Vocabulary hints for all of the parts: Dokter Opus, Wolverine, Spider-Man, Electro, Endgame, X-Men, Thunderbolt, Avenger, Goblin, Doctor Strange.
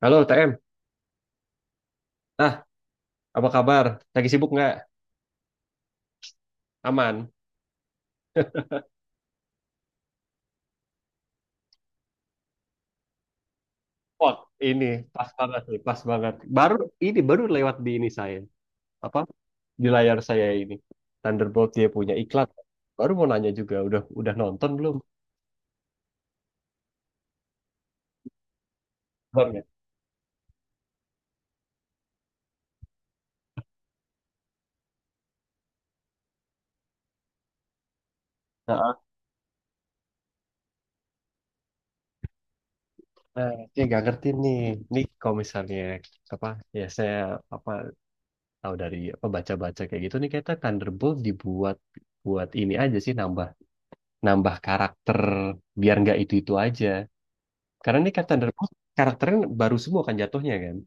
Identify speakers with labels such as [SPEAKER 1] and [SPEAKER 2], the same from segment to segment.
[SPEAKER 1] Halo TM, nah apa kabar? Lagi sibuk nggak? Aman? Wah, ini pas banget nih, pas banget. Baru ini baru lewat di ini saya, apa di layar saya. Ini Thunderbolt dia punya iklan. Baru mau nanya juga, udah nonton belum? Belum ya? Nah, nah, saya nggak ngerti nih kalau misalnya apa ya, saya apa tahu dari baca-baca kayak gitu, nih kayaknya Thunderbolt dibuat buat ini aja sih, nambah nambah karakter biar nggak itu itu aja. Karena ini kan Thunderbolt, karakternya baru semua kan jatuhnya kan.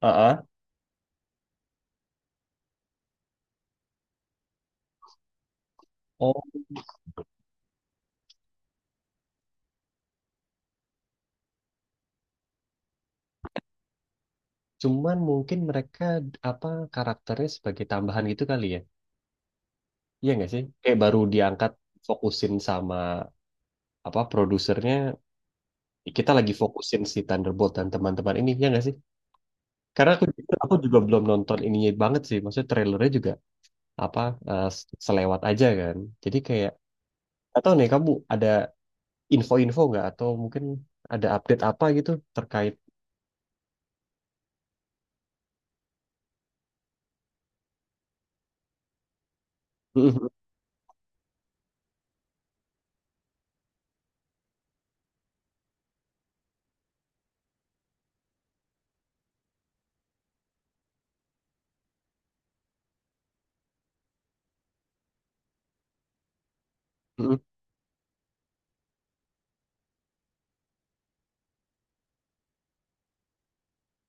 [SPEAKER 1] Heeh. Oh, cuman mungkin mereka apa karakternya sebagai tambahan gitu kali ya. Iya nggak sih? Kayak baru diangkat, fokusin sama produsernya. Kita lagi fokusin si Thunderbolt dan teman-teman ini, ya nggak sih? Karena aku juga belum nonton ininya banget sih. Maksudnya trailernya juga apa eh, selewat aja kan. Jadi kayak, atau nih kamu ada info-info nggak atau mungkin ada update apa gitu terkait.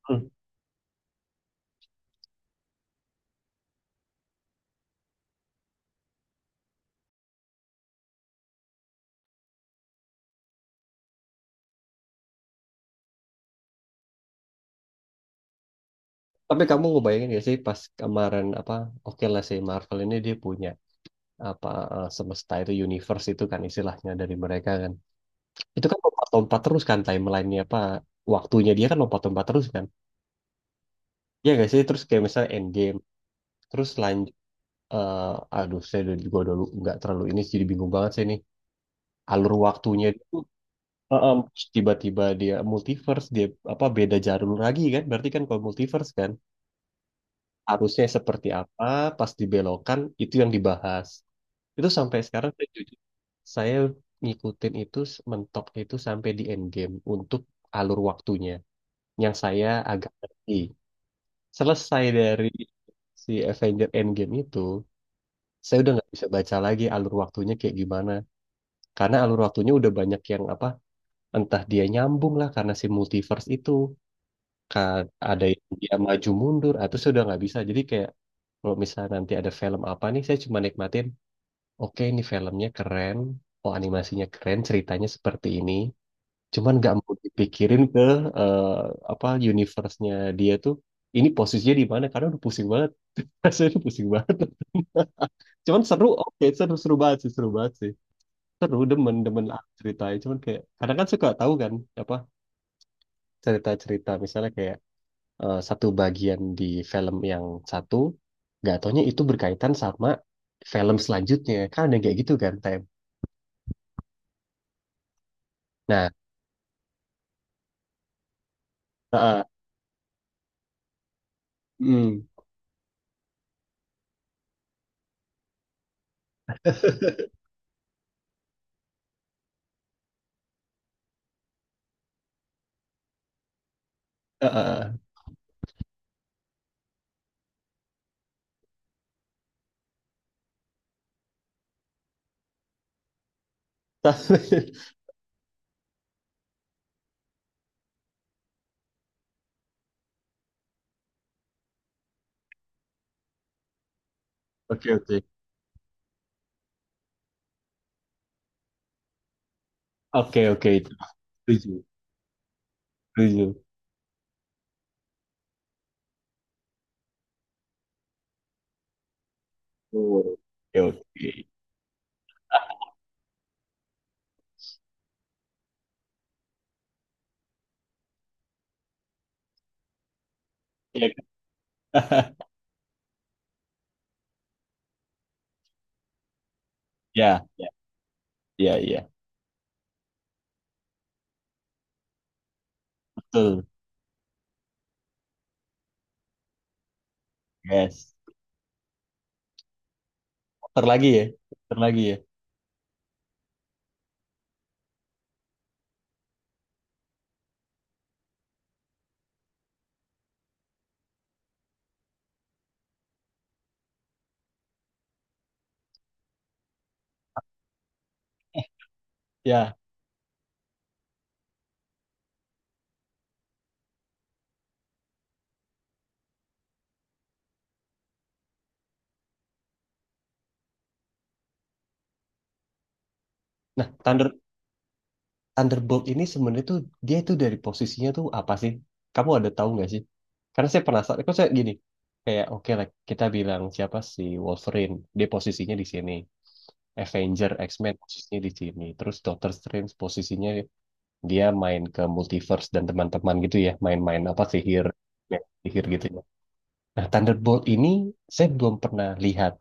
[SPEAKER 1] Tapi kamu ngebayangin gak sih, pas kemarin oke lah sih, Marvel ini dia punya apa semesta itu, universe itu kan istilahnya dari mereka kan. Itu kan lompat-lompat terus kan, timelinenya, waktunya dia kan lompat-lompat terus kan. Iya gak sih, terus kayak misalnya Endgame terus lanjut, aduh saya udah dulu nggak terlalu ini, jadi bingung banget sih ini alur waktunya itu. Terus tiba-tiba dia multiverse, dia beda jalur lagi kan, berarti kan kalau multiverse kan harusnya seperti apa pas dibelokan itu yang dibahas. Itu sampai sekarang saya jujur, saya ngikutin itu mentok itu sampai di Endgame untuk alur waktunya yang saya agak ngerti. Selesai dari si Avenger Endgame itu, saya udah nggak bisa baca lagi alur waktunya kayak gimana. Karena alur waktunya udah banyak yang apa, entah dia nyambung lah karena si multiverse itu. Ka- Ada yang dia maju mundur, atau saya udah nggak bisa. Jadi kayak kalau misalnya nanti ada film apa nih, saya cuma nikmatin, oke ini filmnya keren, oh animasinya keren, ceritanya seperti ini. Cuman nggak mau dipikirin ke eh, apa universe-nya dia tuh. Ini posisinya di mana? Karena udah pusing banget. Rasanya udah pusing banget. Cuman seru, oke seru seru banget sih, seru banget sih. Seru, demen demen lah ceritanya. Cuman kayak kadang kan suka tahu kan apa cerita-cerita, misalnya kayak satu bagian di film yang satu, nggak taunya itu berkaitan sama film selanjutnya. Kan ada yang kayak gitu kan, Tem. Nah, heeh. Hmm, heeh. Oke, oke. Oke, oke itu. Setuju, setuju. Betul. Oke, oke. Ah, ya. Ya, ya, ya, ya. Betul. Yes. Terlagi lagi ya. Puter lagi ya. Ya. Nah, Thunderbolt ini sebenarnya tuh, dia tuh dari posisinya tuh apa sih? Kamu ada tahu nggak sih? Karena saya penasaran. Kok saya gini, kayak oke lah kita bilang siapa sih Wolverine? Dia posisinya di sini. Avenger, X-Men posisinya di sini. Terus Doctor Strange posisinya dia main ke multiverse dan teman-teman gitu ya, main-main sihir ya, sihir gitu ya. Nah, Thunderbolt ini saya belum pernah lihat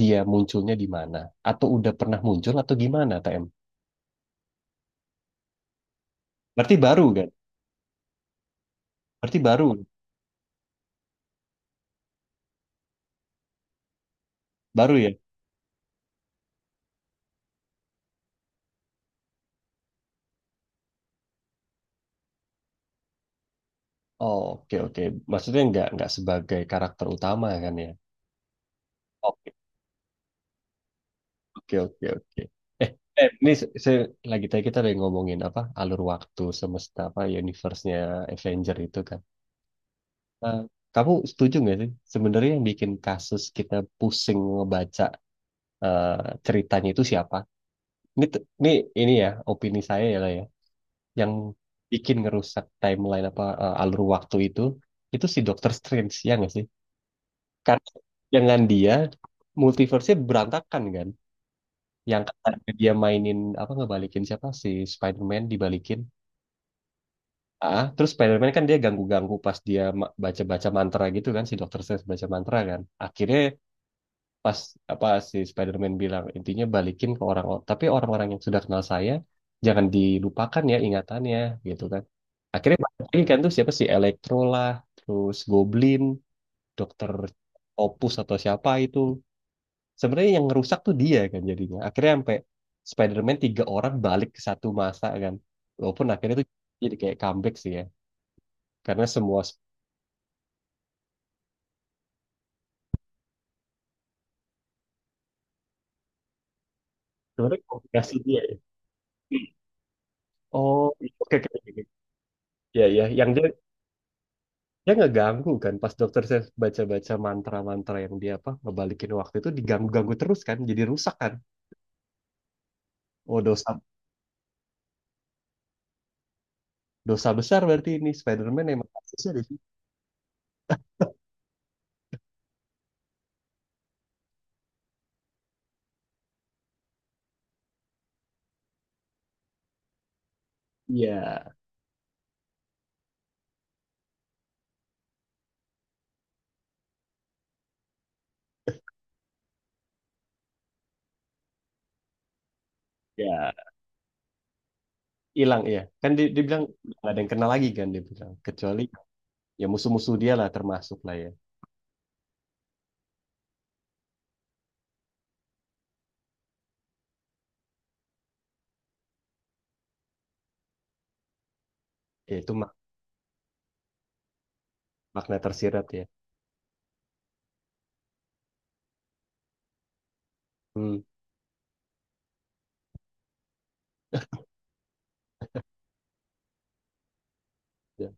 [SPEAKER 1] dia munculnya di mana, atau udah pernah muncul atau gimana, TM? Berarti baru kan? Berarti baru baru ya. Oh, oke oke. Maksudnya nggak sebagai karakter utama kan ya? Oke, oke. Oke, oke. Eh, ini saya, lagi tadi kita lagi ngomongin alur waktu, semesta, universe-nya Avenger itu kan. Nah, kamu setuju nggak sih? Sebenarnya yang bikin kasus kita pusing ngebaca eh, ceritanya itu siapa? Ini, t- ini, ini ya, opini saya ya lah ya. Yang bikin ngerusak timeline, alur waktu itu si Dr. Strange, ya nggak sih? Karena dengan dia, multiverse-nya berantakan kan? Yang katanya dia mainin, ngebalikin siapa? Si Spider-Man dibalikin. Ah, terus Spider-Man kan dia ganggu-ganggu pas dia baca-baca mantra gitu kan, si Dr. Strange baca mantra kan. Akhirnya pas si Spider-Man bilang intinya balikin ke orang, tapi orang-orang yang sudah kenal saya jangan dilupakan ya ingatannya gitu kan. Akhirnya balik lagi kan tuh siapa sih, Electro lah, terus Goblin, Dokter Opus atau siapa itu. Sebenarnya yang ngerusak tuh dia kan jadinya, akhirnya sampai Spider-Man tiga orang balik ke satu masa kan, walaupun akhirnya tuh jadi kayak comeback sih ya, karena semua sebenarnya kombinasi dia ya. Oh, iya, oke, oke, oke. Ya, ya, yang dia, ya nggak ganggu kan pas dokter saya baca-baca mantra-mantra yang dia ngebalikin waktu itu, diganggu-ganggu terus kan jadi rusak kan. Oh, dosa, dosa besar, berarti ini Spider-Man emang kasusnya di situ ya. Ya, hilang ya kan, dibilang nggak ada yang kenal lagi kan dia bilang, kecuali ya musuh-musuh dia lah termasuk lah ya. Ya, itu makna tersirat ya. Hmm. Ya,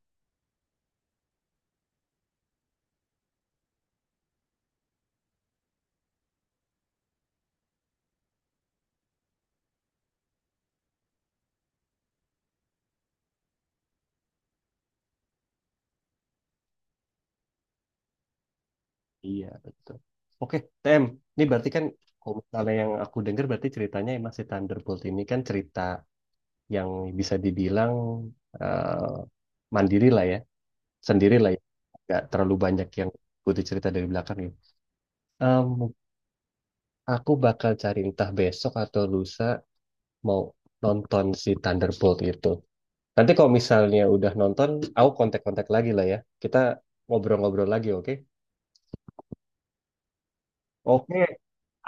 [SPEAKER 1] iya betul, oke TM. Ini berarti kan kalau misalnya yang aku dengar, berarti ceritanya emang si Thunderbolt ini kan cerita yang bisa dibilang eh, mandiri lah ya, sendiri lah ya, nggak terlalu banyak yang butuh cerita dari belakang ya. Em, aku bakal cari entah besok atau lusa mau nonton si Thunderbolt itu. Nanti kalau misalnya udah nonton, aku kontak-kontak lagi lah ya. Kita ngobrol-ngobrol lagi, oke? Oke,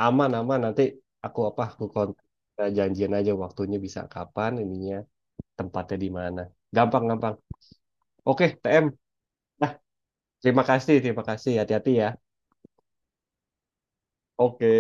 [SPEAKER 1] aman aman. Nanti aku apa? Aku kontak. Kita janjian aja waktunya bisa kapan, ininya tempatnya di mana. Gampang gampang. Oke, TM. Terima kasih, terima kasih. Hati-hati ya. Oke.